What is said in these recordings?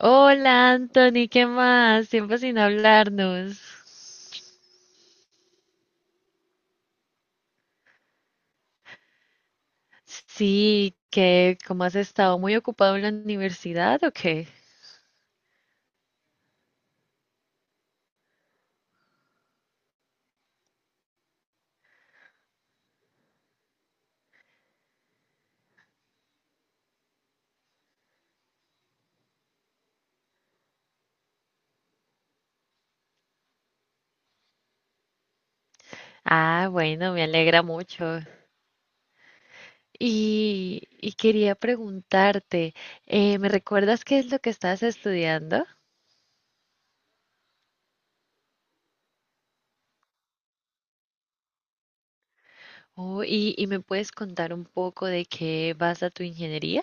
Hola Anthony, ¿qué más? Tiempo sin hablarnos. Sí, ¿qué? ¿Cómo has estado? ¿Muy ocupado en la universidad o qué? Ah, bueno, me alegra mucho. Y quería preguntarte, ¿me recuerdas qué es lo que estás estudiando? Oh, y me puedes contar un poco de qué vas a tu ingeniería?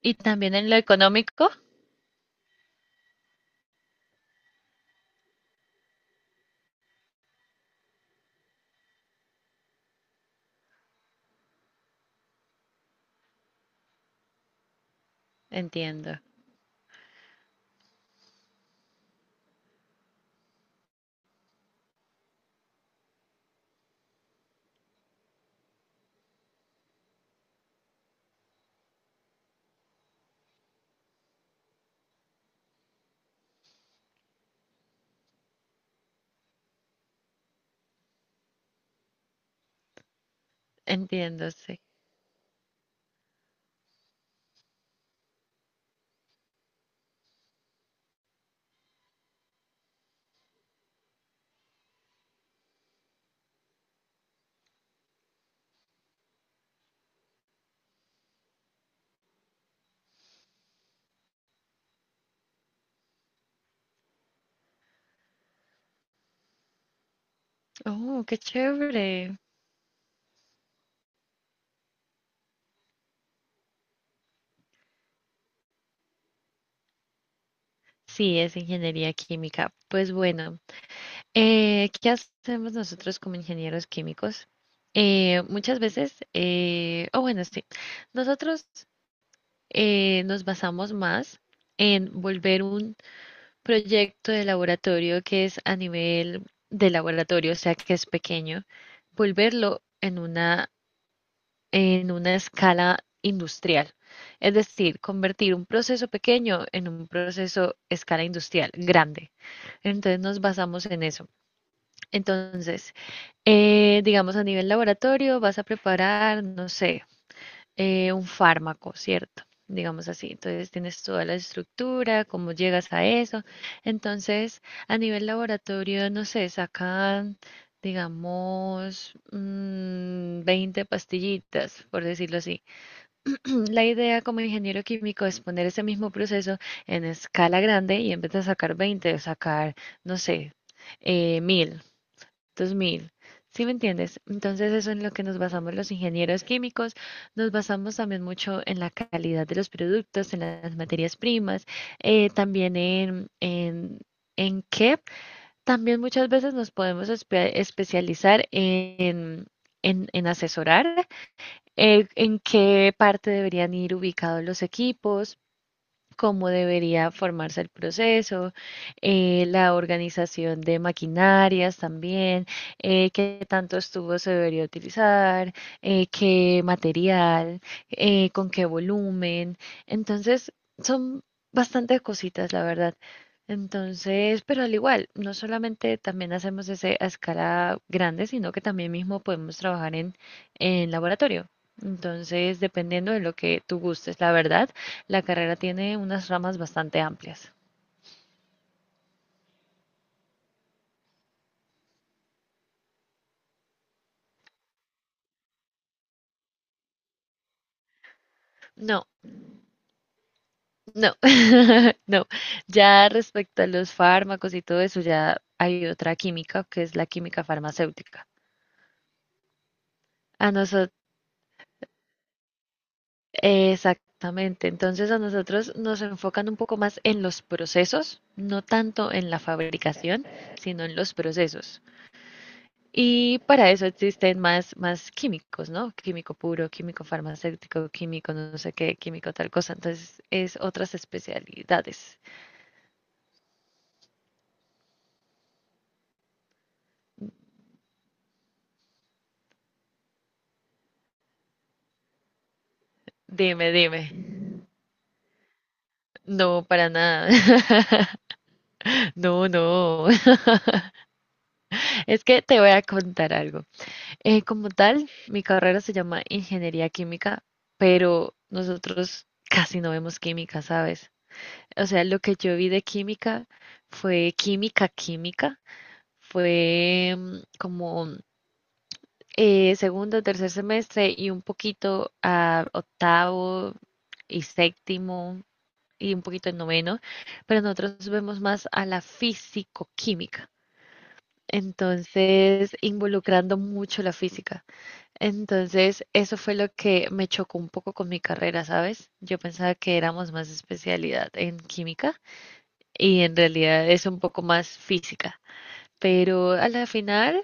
Y también en lo económico. Entiendo, entiendo, sí. Oh, qué chévere. Sí, es ingeniería química. Pues bueno. ¿Qué hacemos nosotros como ingenieros químicos? Muchas veces, o bueno, sí, nosotros nos basamos más en volver un proyecto de laboratorio que es a nivel de laboratorio, o sea, que es pequeño, volverlo en una escala industrial. Es decir, convertir un proceso pequeño en un proceso escala industrial grande. Entonces nos basamos en eso. Entonces, digamos a nivel laboratorio vas a preparar, no sé, un fármaco, ¿cierto? Digamos así. Entonces tienes toda la estructura, cómo llegas a eso. Entonces, a nivel laboratorio, no sé, sacan, digamos, 20 pastillitas, por decirlo así. La idea como ingeniero químico es poner ese mismo proceso en escala grande y en vez de sacar 20, sacar, no sé, mil 2000. ¿Sí me entiendes? Entonces eso es en lo que nos basamos los ingenieros químicos, nos basamos también mucho en la calidad de los productos, en las materias primas, también en qué también muchas veces nos podemos especializar en asesorar, en qué parte deberían ir ubicados los equipos cómo debería formarse el proceso, la organización de maquinarias también, qué tantos tubos se debería utilizar, qué material, con qué volumen. Entonces, son bastantes cositas, la verdad. Entonces, pero al igual, no solamente también hacemos ese a escala grande, sino que también mismo podemos trabajar en laboratorio. Entonces, dependiendo de lo que tú gustes, la verdad. La carrera tiene unas ramas bastante amplias. No, no, no. Ya respecto a los fármacos y todo eso, ya hay otra química que es la química farmacéutica. A nosotros, exactamente. Entonces a nosotros nos enfocan un poco más en los procesos, no tanto en la fabricación, sino en los procesos. Y para eso existen más químicos, ¿no? Químico puro, químico farmacéutico, químico no sé qué, químico tal cosa. Entonces es otras especialidades. Dime, dime. No, para nada. No, no. Es que te voy a contar algo. Como tal, mi carrera se llama Ingeniería Química, pero nosotros casi no vemos química, ¿sabes? O sea, lo que yo vi de química fue química, química. Fue como segundo, tercer semestre y un poquito a octavo y séptimo. Y un poquito en noveno, pero nosotros vemos más a la físico-química. Entonces, involucrando mucho la física. Entonces, eso fue lo que me chocó un poco con mi carrera, ¿sabes? Yo pensaba que éramos más especialidad en química y en realidad es un poco más física. Pero a la final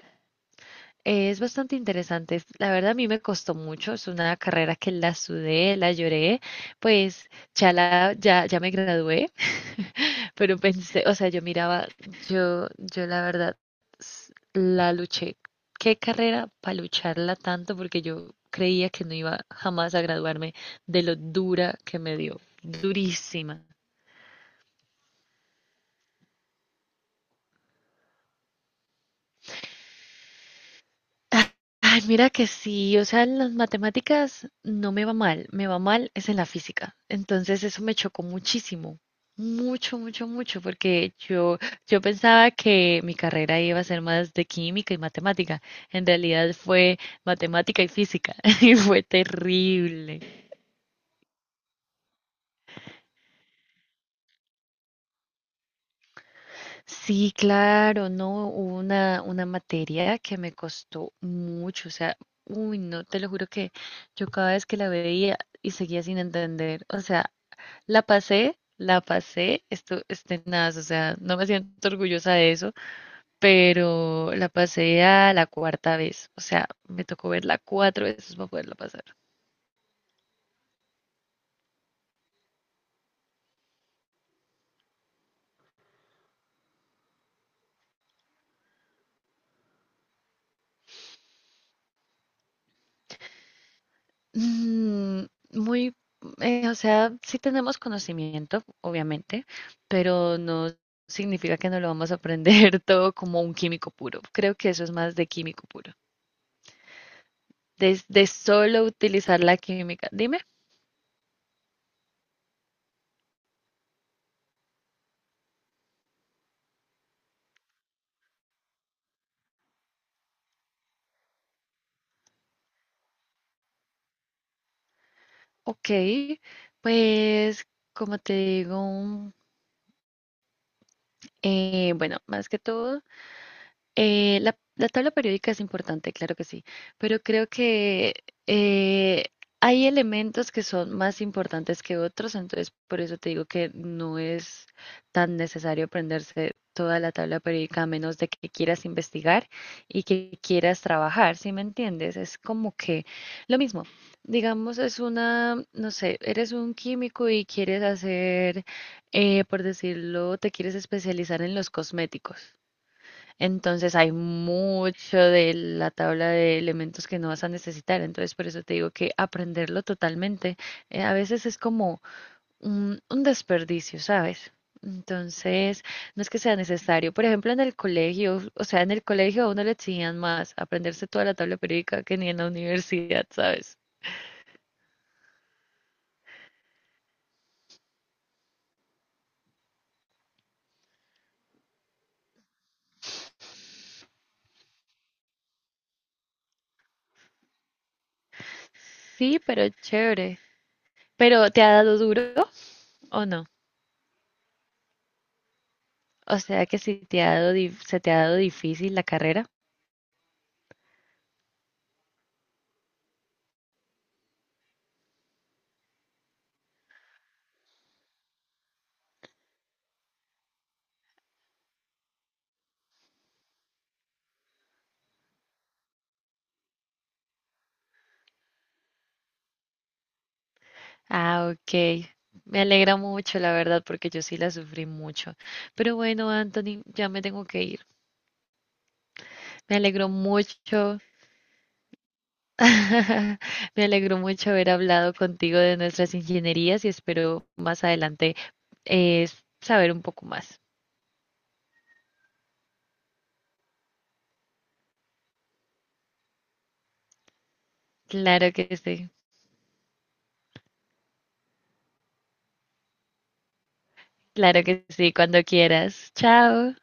es bastante interesante. La verdad, a mí me costó mucho. Es una carrera que la sudé, la lloré. Pues ya, ya, ya me gradué. Pero pensé, o sea, yo miraba, yo la verdad la luché. ¿Qué carrera para lucharla tanto? Porque yo creía que no iba jamás a graduarme de lo dura que me dio, durísima. Ay, mira que sí, o sea, en las matemáticas no me va mal, me va mal es en la física. Entonces eso me chocó muchísimo, mucho, mucho, mucho, yo pensaba que mi carrera iba a ser más de química y matemática. En realidad fue matemática y física y fue terrible. Sí, claro, no, hubo una materia que me costó mucho, o sea, uy, no, te lo juro que yo cada vez que la veía y seguía sin entender, o sea, la pasé, esto, este, nada, o sea, no me siento orgullosa de eso, pero la pasé a la cuarta vez, o sea, me tocó verla cuatro veces para poderla pasar. Mm, muy, o sea, sí tenemos conocimiento, obviamente, pero no significa que no lo vamos a aprender todo como un químico puro. Creo que eso es más de químico puro. De solo utilizar la química. Dime, ok, pues como te digo, bueno, más que todo, la tabla periódica es importante, claro que sí, pero creo que eh, hay elementos que son más importantes que otros, entonces por eso te digo que no es tan necesario aprenderse toda la tabla periódica a menos de que quieras investigar y que quieras trabajar, ¿sí me entiendes? Es como que lo mismo, digamos, es una, no sé, eres un químico y quieres hacer, por decirlo, te quieres especializar en los cosméticos. Entonces hay mucho de la tabla de elementos que no vas a necesitar. Entonces por eso te digo que aprenderlo totalmente a veces es como un desperdicio, ¿sabes? Entonces no es que sea necesario. Por ejemplo, en el colegio, o sea, en el colegio a uno le exigían más aprenderse toda la tabla periódica que ni en la universidad, ¿sabes? Sí, pero chévere. ¿Pero te ha dado duro o no? O sea que si te ha dado, se te ha dado difícil la carrera. Ah, ok. Me alegra mucho, la verdad, porque yo sí la sufrí mucho. Pero bueno, Anthony, ya me tengo que ir. Me alegró mucho, me alegró mucho haber hablado contigo de nuestras ingenierías y espero más adelante eh, saber un poco más. Claro que sí, claro que sí, cuando quieras. Chao.